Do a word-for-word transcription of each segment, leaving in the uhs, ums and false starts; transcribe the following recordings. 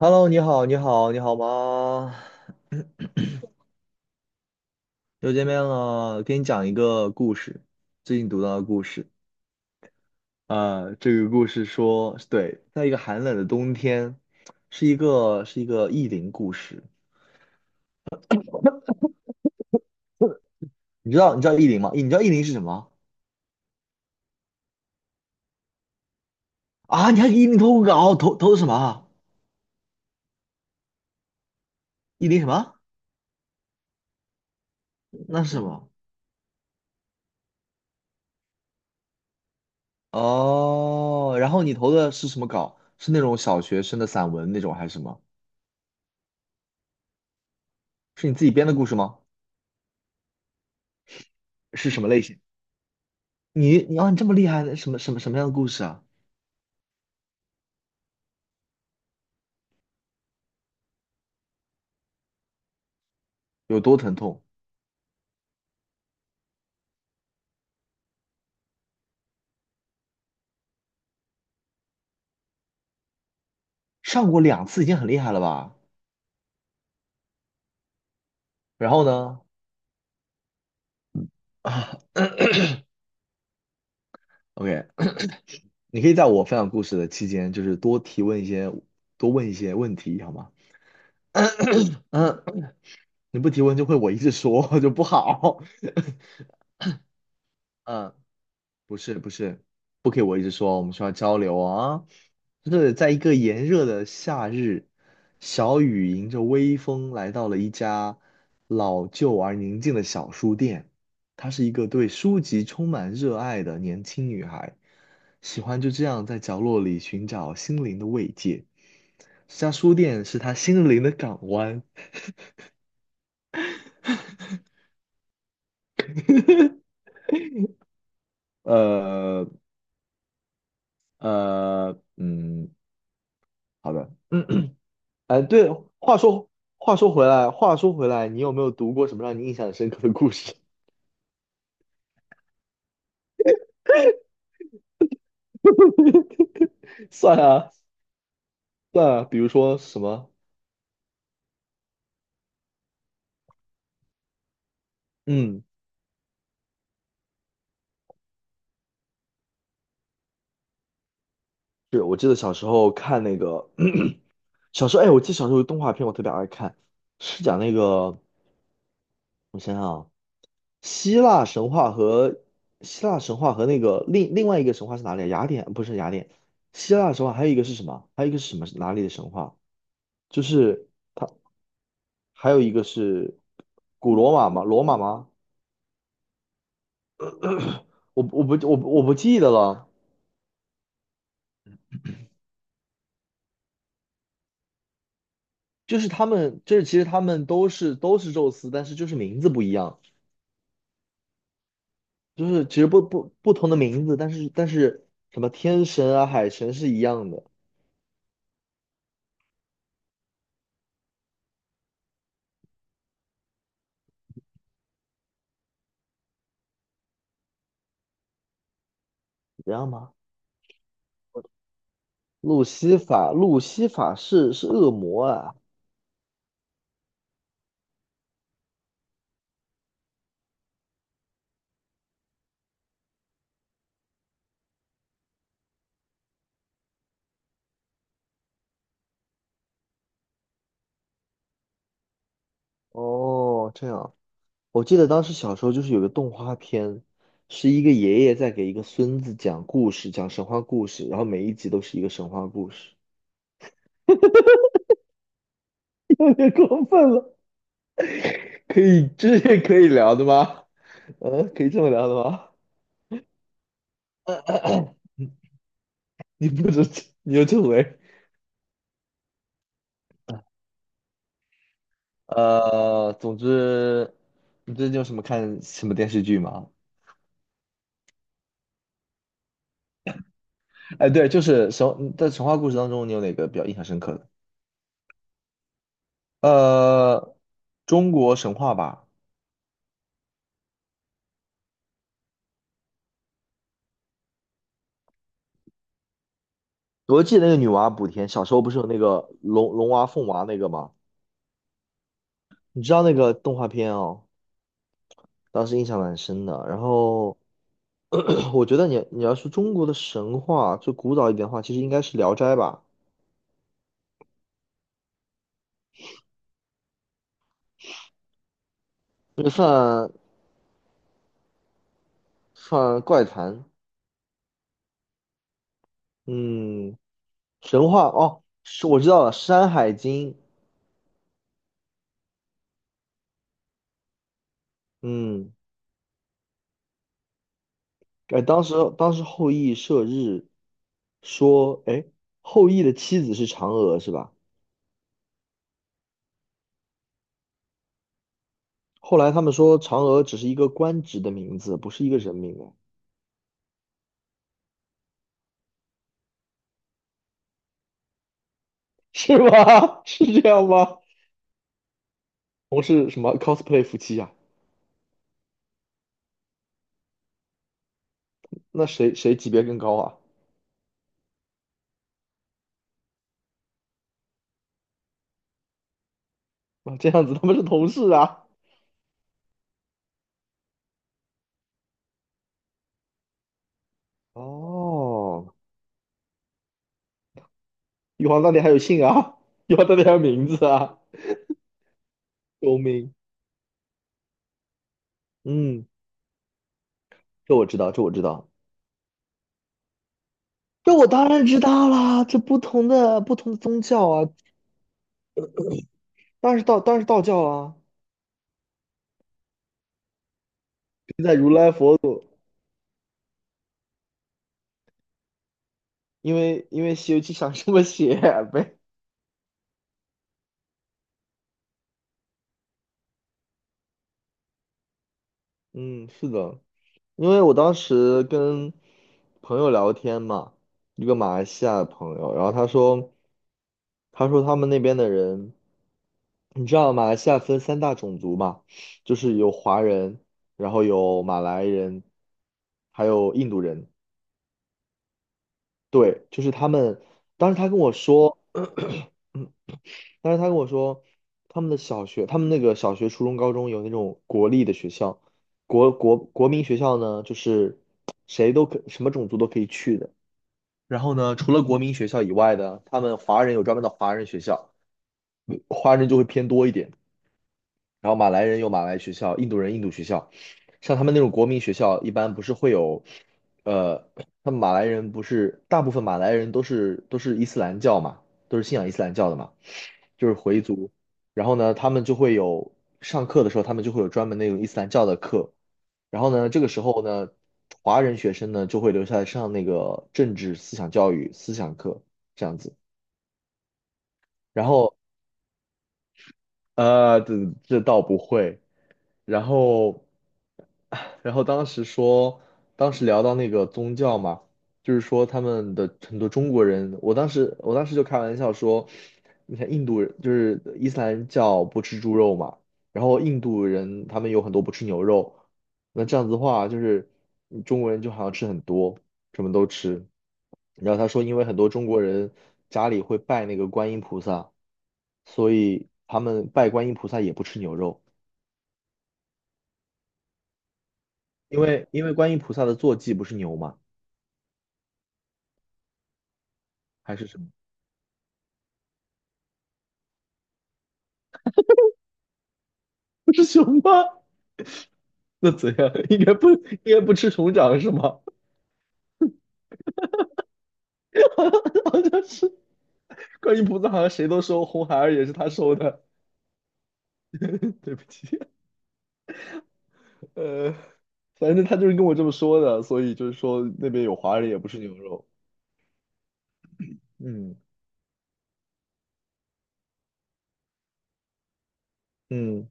Hello，你好，你好，你好吗？又见面了，给你讲一个故事，最近读到的故事。啊。这个故事说，对，在一个寒冷的冬天，是一个是一个意林故事。你知道你知道意林吗？你知道意林是什么啊？你还给意林投稿，投投的什么啊？意林什么？那是什么？哦，然后你投的是什么稿？是那种小学生的散文那种还是什么？是你自己编的故事吗？是什么类型？你你啊，你这么厉害，什么什么什么样的故事啊？有多疼痛？上过两次已经很厉害了吧？然后呢？啊，OK,你可以在我分享故事的期间，就是多提问一些，多问一些问题，好吗？嗯，你不提问就会我一直说 就不好。嗯，不是不是，不可以我一直说，我们需要交流啊。就是在一个炎热的夏日，小雨迎着微风来到了一家老旧而宁静的小书店。她是一个对书籍充满热爱的年轻女孩，喜欢就这样在角落里寻找心灵的慰藉。这家书店是她心灵的港湾。呃呃，嗯，好的。哎，对，话说话说回来，话说回来，你有没有读过什么让你印象深刻的故事？算啊，算啊，比如说什么？嗯，是我记得小时候看那个，小时候，哎，我记得小时候有动画片，我特别爱看，是讲那个，我想想啊，希腊神话和希腊神话和那个另另外一个神话是哪里啊？雅典不是雅典，希腊神话还有一个是什么？还有一个是什么？哪里的神话？就是它。还有一个是古罗马吗？罗马吗？我我不我不我不记得了。就是他们，就是其实他们都是都是宙斯，但是就是名字不一样，就是其实不不不同的名字，但是但是什么天神啊海神是一样的，一样吗？路西法，路西法是是恶魔啊。哦，这样，我记得当时小时候就是有个动画片，是一个爷爷在给一个孙子讲故事，讲神话故事，然后每一集都是一个神话故事。有点过分了，可以，这是可以聊的吗？嗯，可以这么聊的吗？你不止，你又这回，呃，总之，你最近有什么看什么电视剧吗？哎，对，就是神在神话故事当中，你有哪个比较印象深刻的？呃，中国神话吧，我记得那个女娲补天，小时候不是有那个龙龙娃凤娃那个吗？你知道那个动画片哦，当时印象蛮深的。然后我觉得你你要说中国的神话，就古早一点的话，其实应该是《聊斋》吧，这算算怪谈。嗯，神话哦，是我知道了，《山海经》。嗯，哎，当时当时后羿射日，说，哎，后羿的妻子是嫦娥是吧？后来他们说嫦娥只是一个官职的名字，不是一个人名啊，是吗？是这样吗？同是什么 cosplay 夫妻啊？那谁谁级别更高啊？啊，这样子他们是同事啊。哦，玉皇大帝还有姓啊，玉皇大帝还有名字啊，救命！嗯，这我知道，这我知道，这我当然知道啦。这不同的不同的宗教啊，当然是道，当然是道教啊。现在如来佛祖，因为因为《西游记》想这么写呗。嗯，是的，因为我当时跟朋友聊天嘛，一个马来西亚的朋友，然后他说，他说他们那边的人，你知道马来西亚分三大种族嘛，就是有华人，然后有马来人，还有印度人。对，就是他们。当时他跟我说，但是他跟我说，他们的小学，他们那个小学、初中、高中有那种国立的学校，国国国民学校呢，就是谁都可，什么种族都可以去的。然后呢，除了国民学校以外的，他们华人有专门的华人学校，嗯华人就会偏多一点。然后马来人有马来学校，印度人印度学校。像他们那种国民学校，一般不是会有，呃，他们马来人不是大部分马来人都是都是伊斯兰教嘛，都是信仰伊斯兰教的嘛。就是回族。然后呢，他们就会有上课的时候，他们就会有专门那种伊斯兰教的课。然后呢，这个时候呢，华人学生呢就会留下来上那个政治思想教育思想课这样子。然后呃，这这倒不会，然后，然后当时说，当时聊到那个宗教嘛，就是说他们的很多中国人，我当时我当时就开玩笑说，你看印度人就是伊斯兰教不吃猪肉嘛，然后印度人他们有很多不吃牛肉，那这样子的话就是中国人就好像吃很多，什么都吃。然后他说，因为很多中国人家里会拜那个观音菩萨，所以他们拜观音菩萨也不吃牛肉。因为因为观音菩萨的坐骑不是牛吗？还是什么？不是熊吗？那怎样？应该不应该不吃熊掌是吗？好像是观音菩萨，好像谁都收，红孩儿也是他收的。对不起，呃，反正他就是跟我这么说的，所以就是说那边有华人也不吃牛肉。嗯嗯，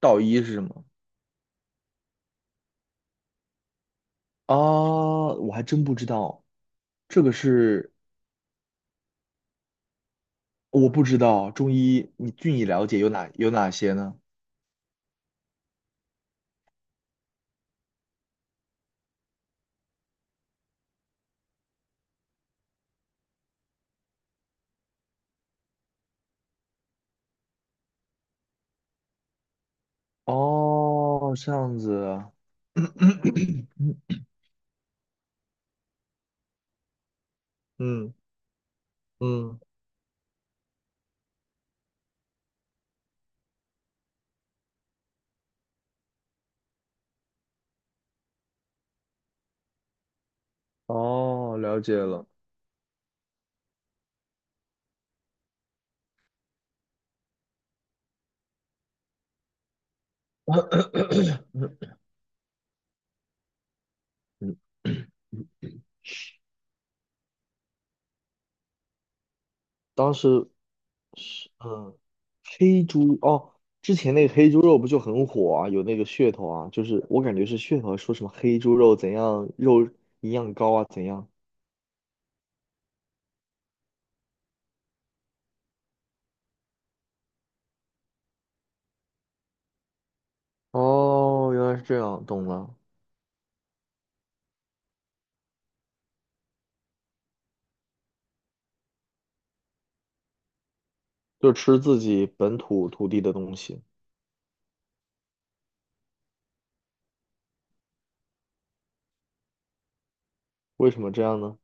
道医是什么？啊，我还真不知道，这个是我不知道。中医你据你了解有哪有哪些呢？哦，这样子啊，嗯嗯哦，了解了。嗯，当时嗯，黑猪哦，之前那个黑猪肉不就很火啊，有那个噱头啊，就是我感觉是噱头，说什么黑猪肉怎样，肉营养高啊，怎样。哦，原来是这样，懂了，就吃自己本土土地的东西。为什么这样呢？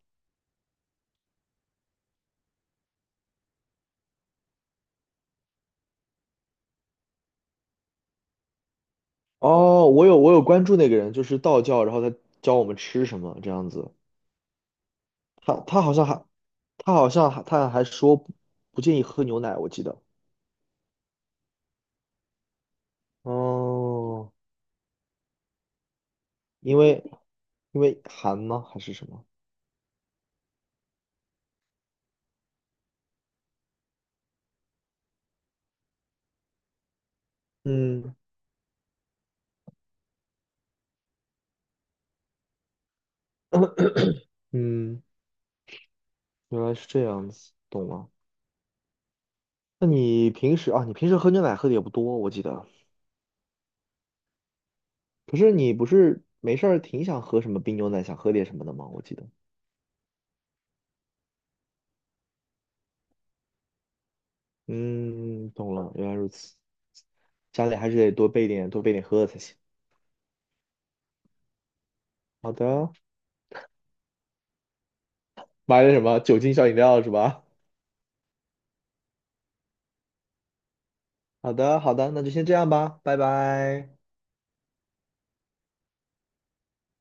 哦，我有我有关注那个人，就是道教，然后他教我们吃什么这样子。他他好像还他好像还他还说不不建议喝牛奶，我记得。哦，因为因为寒吗？还是什么？嗯嗯，原来是这样子，懂了。那你平时啊，你平时喝牛奶喝的也不多，我记得。可是你不是没事儿挺想喝什么冰牛奶，想喝点什么的吗？我记得。嗯，懂了，原来如此。家里还是得多备点，多备点喝的才行。好的，买点什么酒精小饮料是吧？好的，好的，那就先这样吧，拜拜。